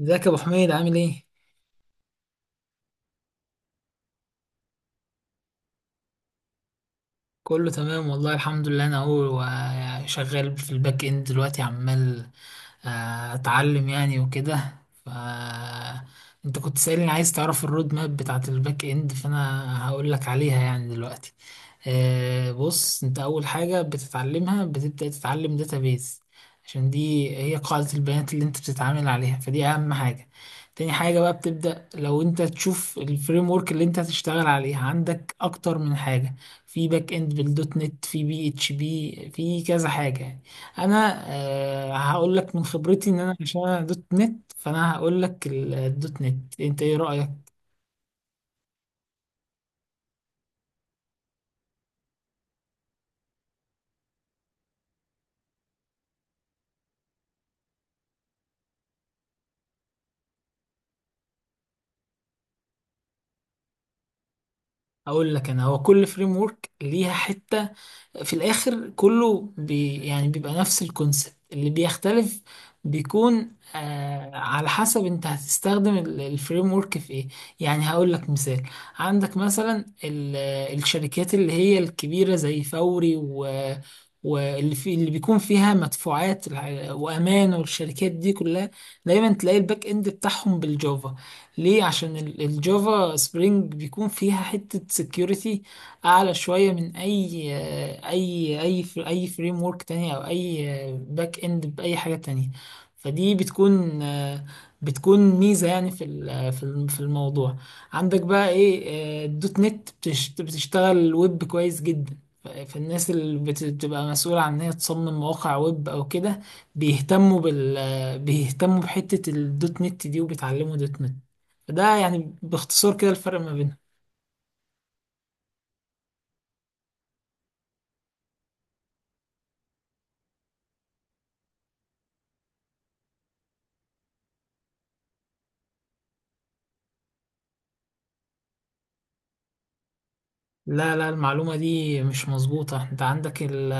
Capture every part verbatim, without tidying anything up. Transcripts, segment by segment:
ازيك يا ابو حميد عامل ايه؟ كله تمام والله الحمد لله. انا اهو و- شغال في الباك اند دلوقتي عمال آه، اتعلم يعني وكده. ف انت كنت سألني عايز تعرف الرود ماب بتاعت الباك اند، فانا هقول لك عليها يعني دلوقتي. آه، بص، انت اول حاجة بتتعلمها بتبدأ تتعلم داتابيز، عشان دي هي قاعدة البيانات اللي انت بتتعامل عليها، فدي اهم حاجة. تاني حاجة بقى بتبدأ لو انت تشوف الفريم ورك اللي انت هتشتغل عليها، عندك اكتر من حاجة في باك اند، بالدوت نت، في بي اتش بي، في كذا حاجه يعني. انا آه، هقول لك من خبرتي ان انا، عشان انا دوت نت، فانا هقول لك ال- الدوت نت. انت ايه رايك؟ اقول لك انا، هو كل فريم ورك ليها حته. في الاخر كله بي يعني بيبقى نفس الكونسبت، اللي بيختلف بيكون آه على حسب انت هتستخدم الفريم ورك في ايه. يعني هقول لك مثال. عندك مثلا ال- الشركات اللي هي الكبيرة زي فوري و واللي في اللي بيكون فيها مدفوعات الع- وامان، والشركات دي كلها دايما تلاقي الباك اند بتاعهم بالجافا. ليه؟ عشان ال- الجافا سبرينج بيكون فيها حتة security اعلى شويه من اي اي اي اي فريم ورك تاني او اي باك اند باي حاجه تانية. فدي بتكون بتكون ميزه يعني في ال- في الم- في الموضوع. عندك بقى ايه، الدوت نت بتش- بتشتغل ويب كويس جدا. ف- فالناس اللي بت- بتبقى مسؤولة عن ان هي تصمم مواقع ويب او كده، بيهتموا بال بيهتموا بحتة الدوت نت دي، وبيتعلموا دوت نت. فده يعني باختصار كده الفرق ما بينهم. لا لا، المعلومة دي مش مظبوطة. انت عندك ال-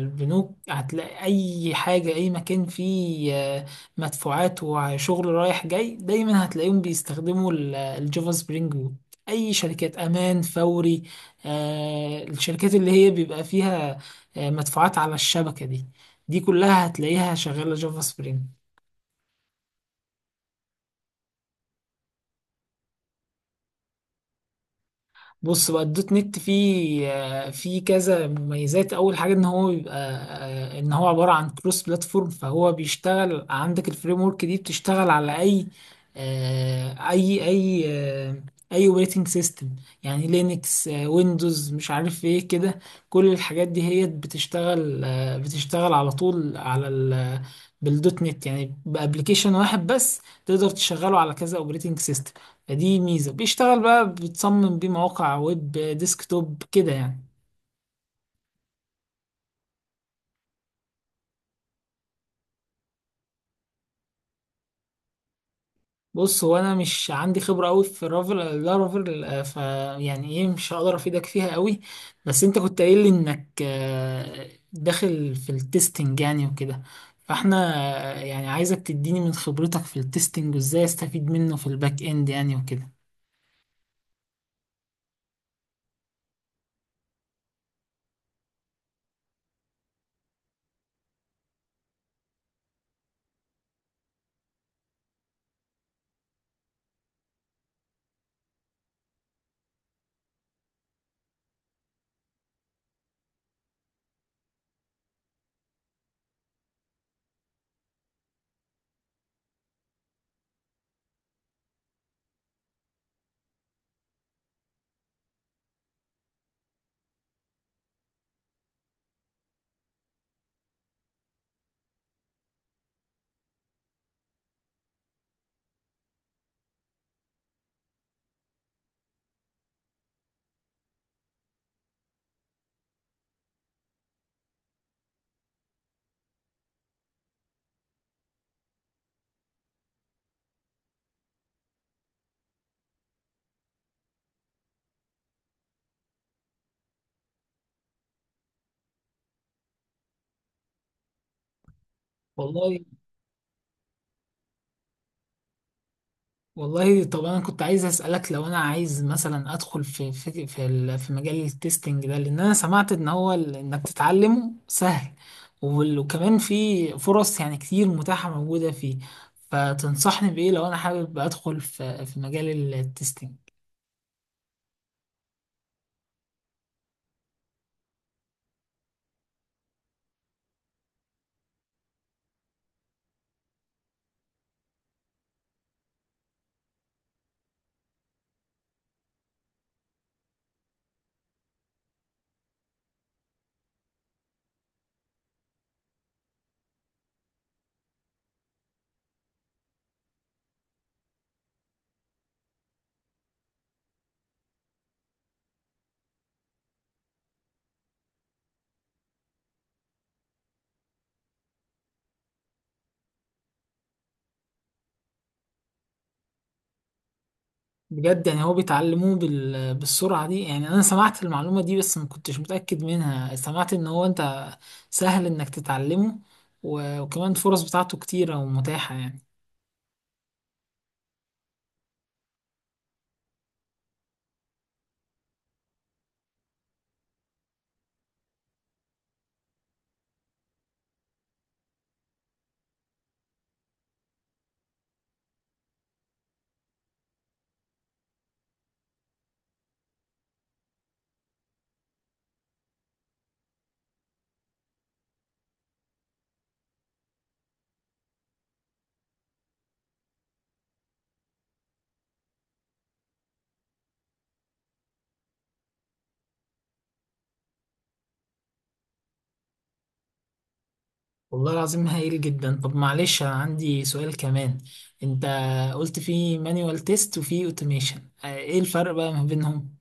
البنوك، هتلاقي اي حاجة، اي مكان فيه آه، مدفوعات وشغل رايح جاي، دايما هتلاقيهم بيستخدموا ال- الجافا سبرينج ويب. اي شركات امان، فوري، آه، الشركات اللي هي بيبقى فيها آه، مدفوعات على الشبكة دي، دي كلها هتلاقيها شغالة جافا سبرينج. بص بقى، الدوت نت فيه آه، فيه كذا مميزات. اول حاجه ان هو بيبقى آه، ان هو عباره عن كروس بلاتفورم، فهو بيشتغل، عندك الفريم ورك دي بتشتغل على اي آه، اي اي آه، اي اوبريتنج سيستم، يعني لينكس، آه، ويندوز، مش عارف ايه كده. كل الحاجات دي هي بتشتغل آه، بتشتغل على طول على ال بالدوت نت. يعني بابلكيشن واحد بس تقدر تشغله على كذا اوبريتنج سيستم. فدي ميزة. بيشتغل بقى، بتصمم بيه مواقع ويب، ديسكتوب كده يعني. بص، هو انا مش عندي خبرة قوي في الرافل، لارافل، آه، ف يعني ايه، مش هقدر افيدك فيها قوي. بس انت كنت قايل لي انك آه، داخل في التستنج يعني وكده، فاحنا آه، يعني عايزك تديني من خبرتك في التستنج، وازاي استفيد منه في الباك اند يعني وكده. والله، والله طب انا كنت عايز اسالك، لو انا عايز مثلا ادخل في في في, ال- في مجال التستنج ده، لان انا سمعت ان هو ال- انك تتعلمه سهل، وال- وكمان في فرص يعني كتير متاحه موجوده فيه. فتنصحني بايه لو انا حابب ادخل في في مجال التستنج؟ بجد يعني هو بيتعلموه بال- بالسرعه دي يعني؟ انا سمعت المعلومه دي بس ما كنتش متاكد منها. سمعت ان هو انت سهل انك تتعلمه، و- وكمان الفرص بتاعته كتيره ومتاحه يعني. والله العظيم هايل جدا. طب معلش انا عندي سؤال كمان. انت قلت في مانيوال تيست وفي اوتوميشن، ايه الفرق بقى ما بينهم؟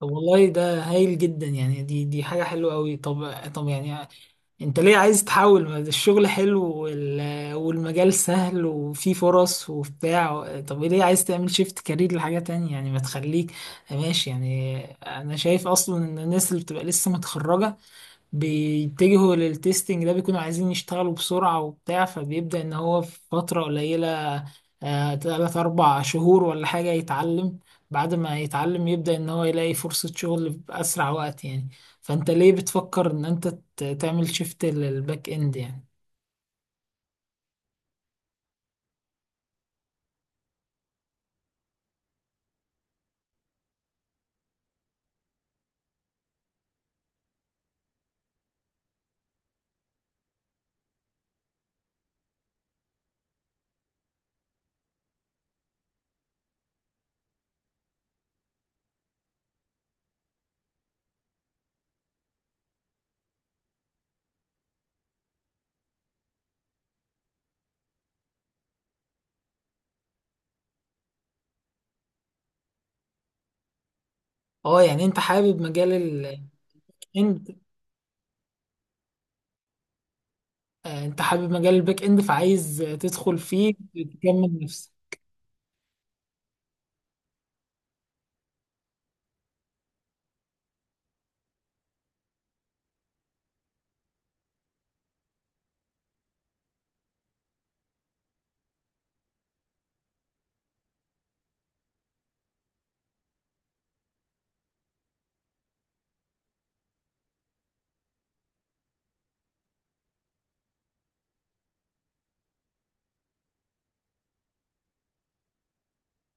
طب والله ده هايل جدا يعني. دي دي حاجة حلوة قوي. طب طب يعني انت ليه عايز تحول؟ ما ده الشغل حلو، وال- والمجال سهل وفيه فرص وبتاع. طب ليه عايز تعمل شيفت كارير لحاجة تانية يعني؟ ما تخليك ماشي يعني. انا شايف اصلا ان الناس اللي بتبقى لسه متخرجة بيتجهوا للتستنج ده، بيكونوا عايزين يشتغلوا بسرعة وبتاع، فبيبدأ إن هو في فترة قليلة، آه، تلات أربع شهور ولا حاجة، يتعلم. بعد ما يتعلم يبدأ إن هو يلاقي فرصة شغل بأسرع وقت يعني. فأنت ليه بتفكر إن أنت ت- تعمل شيفت للباك إند يعني؟ اه، يعني انت حابب مجال الباك اند. انت حابب مجال الباك اند فعايز تدخل فيه تكمل نفسك.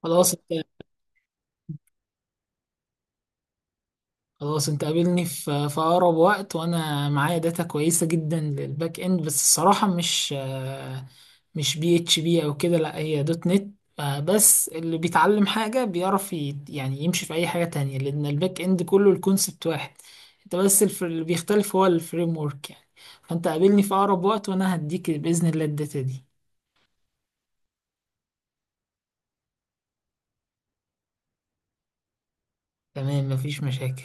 خلاص. خلاص، انت قابلني في في اقرب وقت وانا معايا داتا كويسه جدا للباك اند. بس الصراحه مش آه، مش بي اتش بي او كده، لا، هي دوت نت. آه، بس اللي بيتعلم حاجه بيعرف ي- يعني يمشي في اي حاجه تانية، لان الباك اند كله الكونسبت واحد، انت بس الف- اللي بيختلف هو الفريم ورك يعني. فانت قابلني في اقرب وقت وانا هديك باذن الله الداتا دي. تمام، مفيش مشاكل.